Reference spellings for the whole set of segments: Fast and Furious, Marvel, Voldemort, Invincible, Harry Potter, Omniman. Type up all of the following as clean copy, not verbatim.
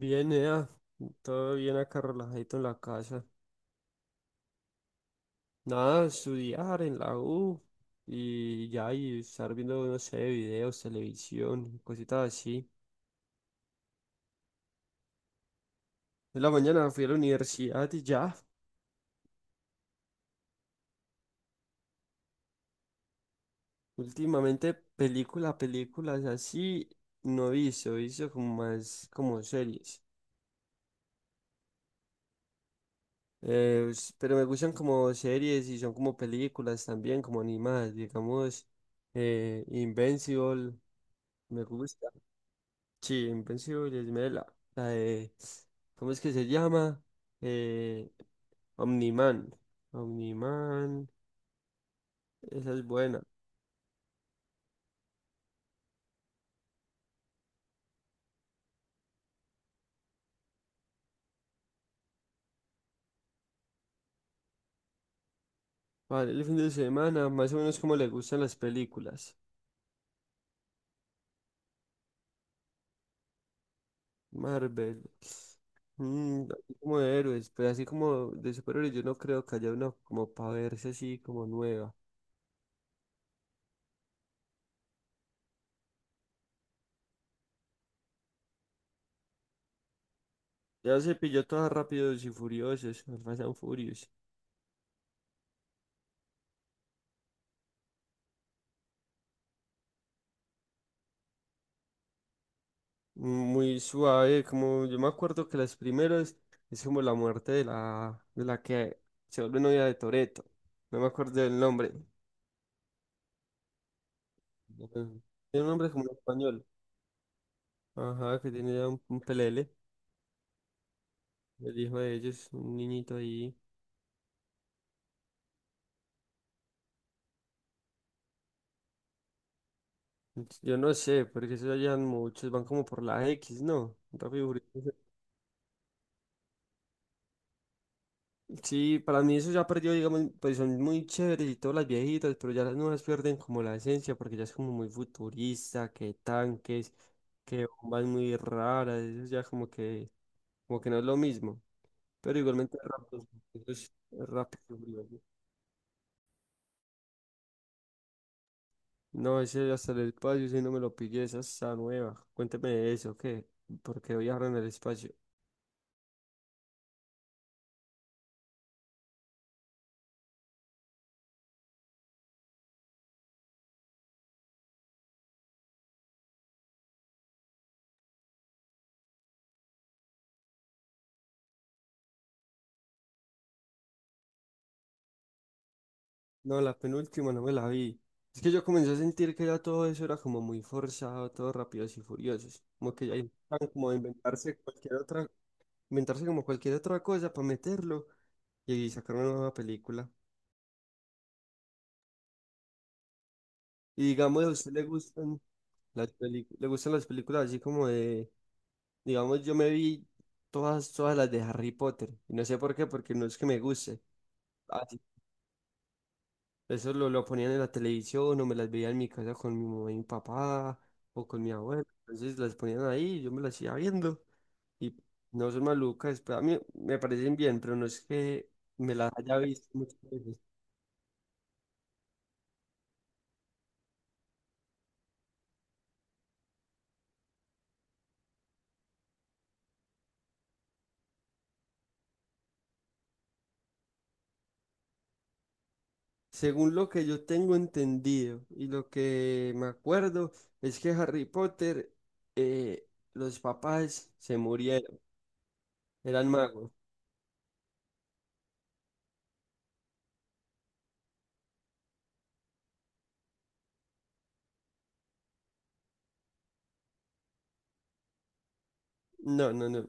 Bien, ea. Todo bien acá, relajadito en la casa. Nada, estudiar en la U y ya, y estar viendo, no sé, videos, televisión, cositas así. En la mañana fui a la universidad y ya. Últimamente película, películas así no he visto, he visto como más como series. Pero me gustan como series y son como películas también, como animadas, digamos, Invincible, me gusta. Sí, Invencible, me la, la de, ¿cómo es que se llama? Eh, Omniman. Omniman, esa es buena. Vale, el fin de semana, más o menos, como le gustan las películas? Marvel. Mm, así como de héroes, pero así como de superhéroes, yo no creo que haya una como para verse así como nueva. ¿Ya se pilló todas Rápidos y Furiosos, Fast and Furious? Muy suave, como yo me acuerdo que las primeras es como la muerte de la que se vuelve novia de Toreto. No me acuerdo del nombre. Ujú. Tiene un nombre como en español. Ajá, que tiene ya un pelele, el hijo de ellos, un niñito ahí. Yo no sé, porque eso ya llevan muchos, van como por la X, ¿no? Rápido y Furioso. Sí, para mí eso ya perdió, digamos, pues son muy chéveres y todas las viejitas, pero ya las nuevas pierden como la esencia porque ya es como muy futurista, que tanques, que bombas muy raras, eso ya como que no es lo mismo. Pero igualmente rápido, eso es rápido. Güey. No, ese hasta el espacio, si no me lo pillé, esa está nueva. Cuénteme de eso, ¿qué? ¿Por qué viajaron al espacio? No, la penúltima no me la vi. Es que yo comencé a sentir que ya todo eso era como muy forzado, todo rápidos y furiosos. Como que ya intentan como inventarse cualquier otra, inventarse como cualquier otra cosa para meterlo y sacar una nueva película. Y digamos, a usted le gustan las películas, le gustan las películas así como de, digamos, yo me vi todas las de Harry Potter. Y no sé por qué, porque no es que me guste. Eso lo ponían en la televisión o me las veía en mi casa con mi mamá y mi papá o con mi abuelo. Entonces las ponían ahí, yo me las iba viendo y no son malucas, pero a mí me parecen bien, pero no es que me las haya visto muchas veces. Según lo que yo tengo entendido y lo que me acuerdo, es que Harry Potter, eh, los papás se murieron, eran magos. No, no, no.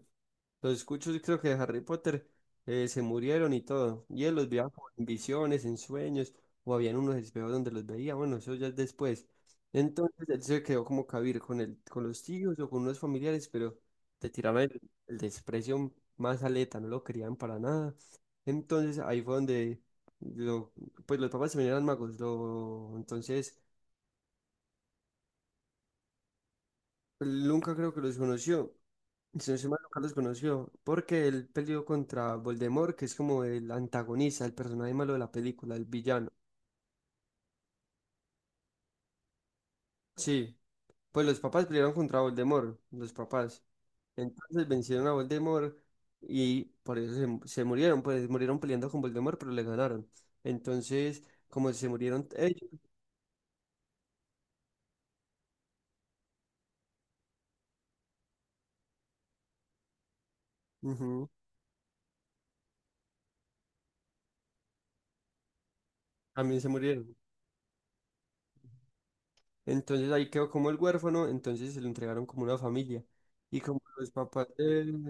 Los escucho, y creo que de Harry Potter se murieron y todo. Y él los veía como en visiones, en sueños, o habían unos espejos donde los veía. Bueno, eso ya es después. Entonces él se quedó como cabir con el, con los tíos o con unos familiares, pero te tiraban el desprecio más aleta, no lo querían para nada. Entonces ahí fue donde lo, pues los papás también eran magos. Lo, entonces él nunca creo que los conoció. Si no estoy mal, Carlos conoció porque él peleó contra Voldemort, que es como el antagonista, el personaje malo de la película, el villano. Sí, pues los papás pelearon contra Voldemort, los papás. Entonces vencieron a Voldemort y por eso se murieron, pues murieron peleando con Voldemort, pero le ganaron. Entonces, como se murieron ellos, ujú, también se murieron. Entonces ahí quedó como el huérfano, entonces se lo entregaron como una familia. Y como los papás de,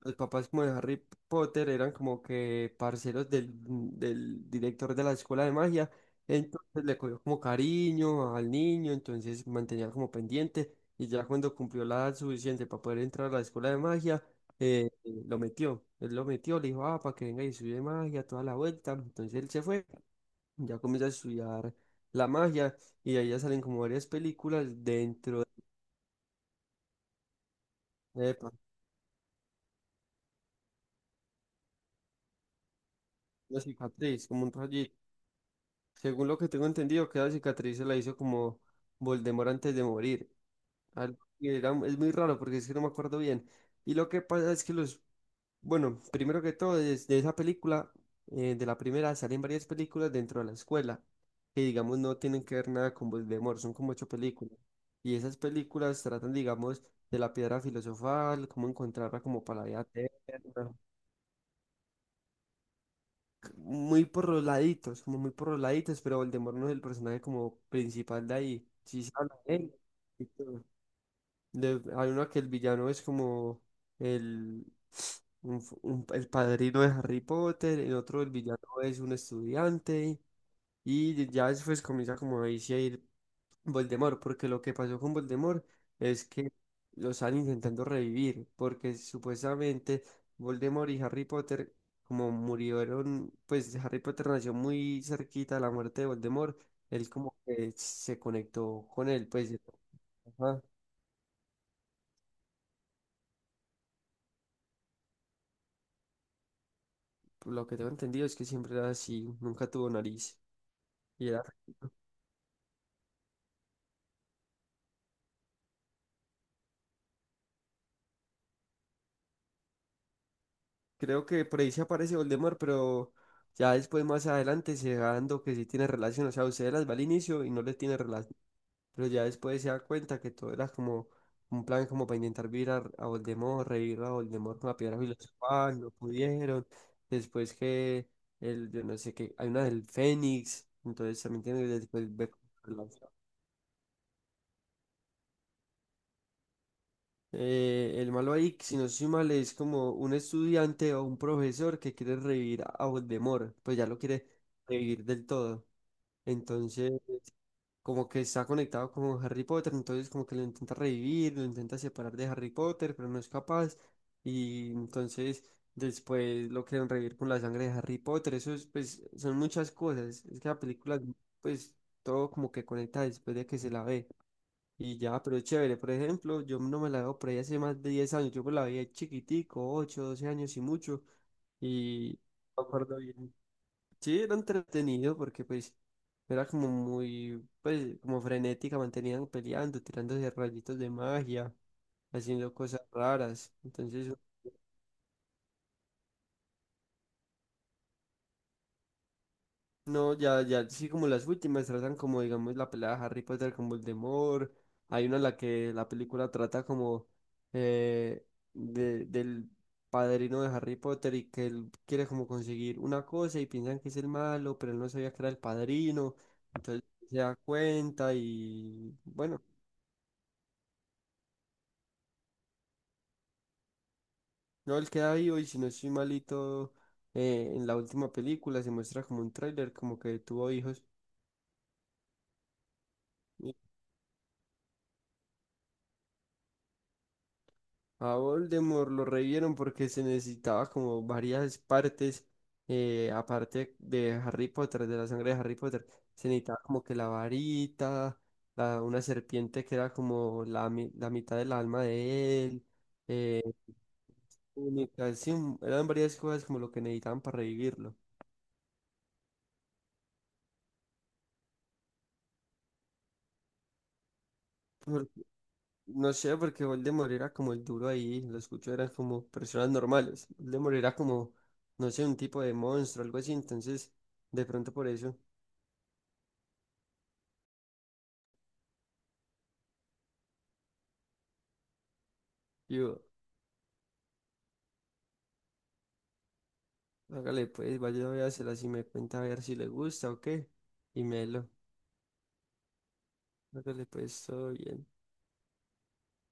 los papás como de Harry Potter eran como que parceros del director de la escuela de magia, entonces le cogió como cariño al niño, entonces mantenía como pendiente y ya cuando cumplió la edad suficiente para poder entrar a la escuela de magia, eh, lo metió, él lo metió, le dijo, ah, para que venga y estudie magia toda la vuelta, entonces él se fue, ya comienza a estudiar la magia y de ahí ya salen como varias películas dentro de... Epa, una cicatriz, como un rayito. Según lo que tengo entendido, que la cicatriz se la hizo como Voldemort antes de morir. Algo que era- es muy raro porque es que no me acuerdo bien. Y lo que pasa es que los, bueno, primero que todo, es de esa película, de la primera, salen varias películas dentro de la escuela, que digamos no tienen que ver nada con Voldemort, son como ocho películas. Y esas películas tratan, digamos, de la piedra filosofal, cómo encontrarla como para la vida eterna, muy por los laditos, como muy por los laditos, pero Voldemort no es el personaje como principal de ahí. Sí se habla de él y todo. De- hay uno que el villano es como el, un f- un- el padrino de Harry Potter, en otro el villano es un estudiante, y ya después comienza como ahí sí a ir Voldemort, porque lo que pasó con Voldemort es que lo están intentando revivir, porque supuestamente Voldemort y Harry Potter, como murieron, pues Harry Potter nació muy cerquita de la muerte de Voldemort, él como que se conectó con él, pues ajá, por lo que tengo entendido es que siempre era así, nunca tuvo nariz. Y era- creo que por ahí se aparece Voldemort, pero ya después más adelante se va dando que sí tiene relación, o sea, usted las va al inicio y no le tiene relación. Pero ya después se da cuenta que todo era como un plan como para intentar virar a Voldemort, revivir a Voldemort con la piedra filosofal, no pudieron. Después que el, yo no sé qué, hay una del Fénix, entonces también tiene después ve- el malo ahí, si no estoy mal, es como un estudiante o un profesor que quiere revivir a Voldemort, pues ya lo quiere revivir del todo. Entonces como que está conectado con Harry Potter, entonces como que lo intenta revivir, lo intenta separar de Harry Potter, pero no es capaz. Y entonces después lo quieren revivir con la sangre de Harry Potter. Eso es, pues, son muchas cosas. Es que la película, pues, todo como que conecta después de que se la ve. Y ya, pero es chévere. Por ejemplo, yo no me la veo por ahí hace más de 10 años. Yo me la veía chiquitico, 8 12 años y mucho. Y no me acuerdo bien. Sí, era entretenido porque pues era como muy, pues como frenética, mantenían peleando, tirándose rayitos de magia, haciendo cosas raras. Entonces, no, ya, ya, sí, como las últimas tratan como, digamos, la pelea de Harry Potter con Voldemort. Hay una en la que la película trata como eh, de, del padrino de Harry Potter y que él quiere como conseguir una cosa y piensan que es el malo, pero él no sabía que era el padrino. Entonces se da cuenta y bueno. No, él queda vivo y si no estoy malito, en la última película se muestra como un tráiler, como que tuvo hijos. Y a Voldemort lo revivieron porque se necesitaba como varias partes, aparte de Harry Potter, de la sangre de Harry Potter. Se necesitaba como que la varita, la- una serpiente que era como la, mi- la mitad del alma de él, eh, túnica, sí, un- eran varias cosas como lo que necesitaban para revivirlo. No sé, porque Voldemort era como el duro ahí, los cuchos eran como personas normales. Voldemort era como, no sé, un tipo de monstruo, algo así, entonces, de pronto por eso, yo, hágale pues, vaya a véasela, si me cuenta a ver si le gusta o qué, y melo, hágale pues, todo bien.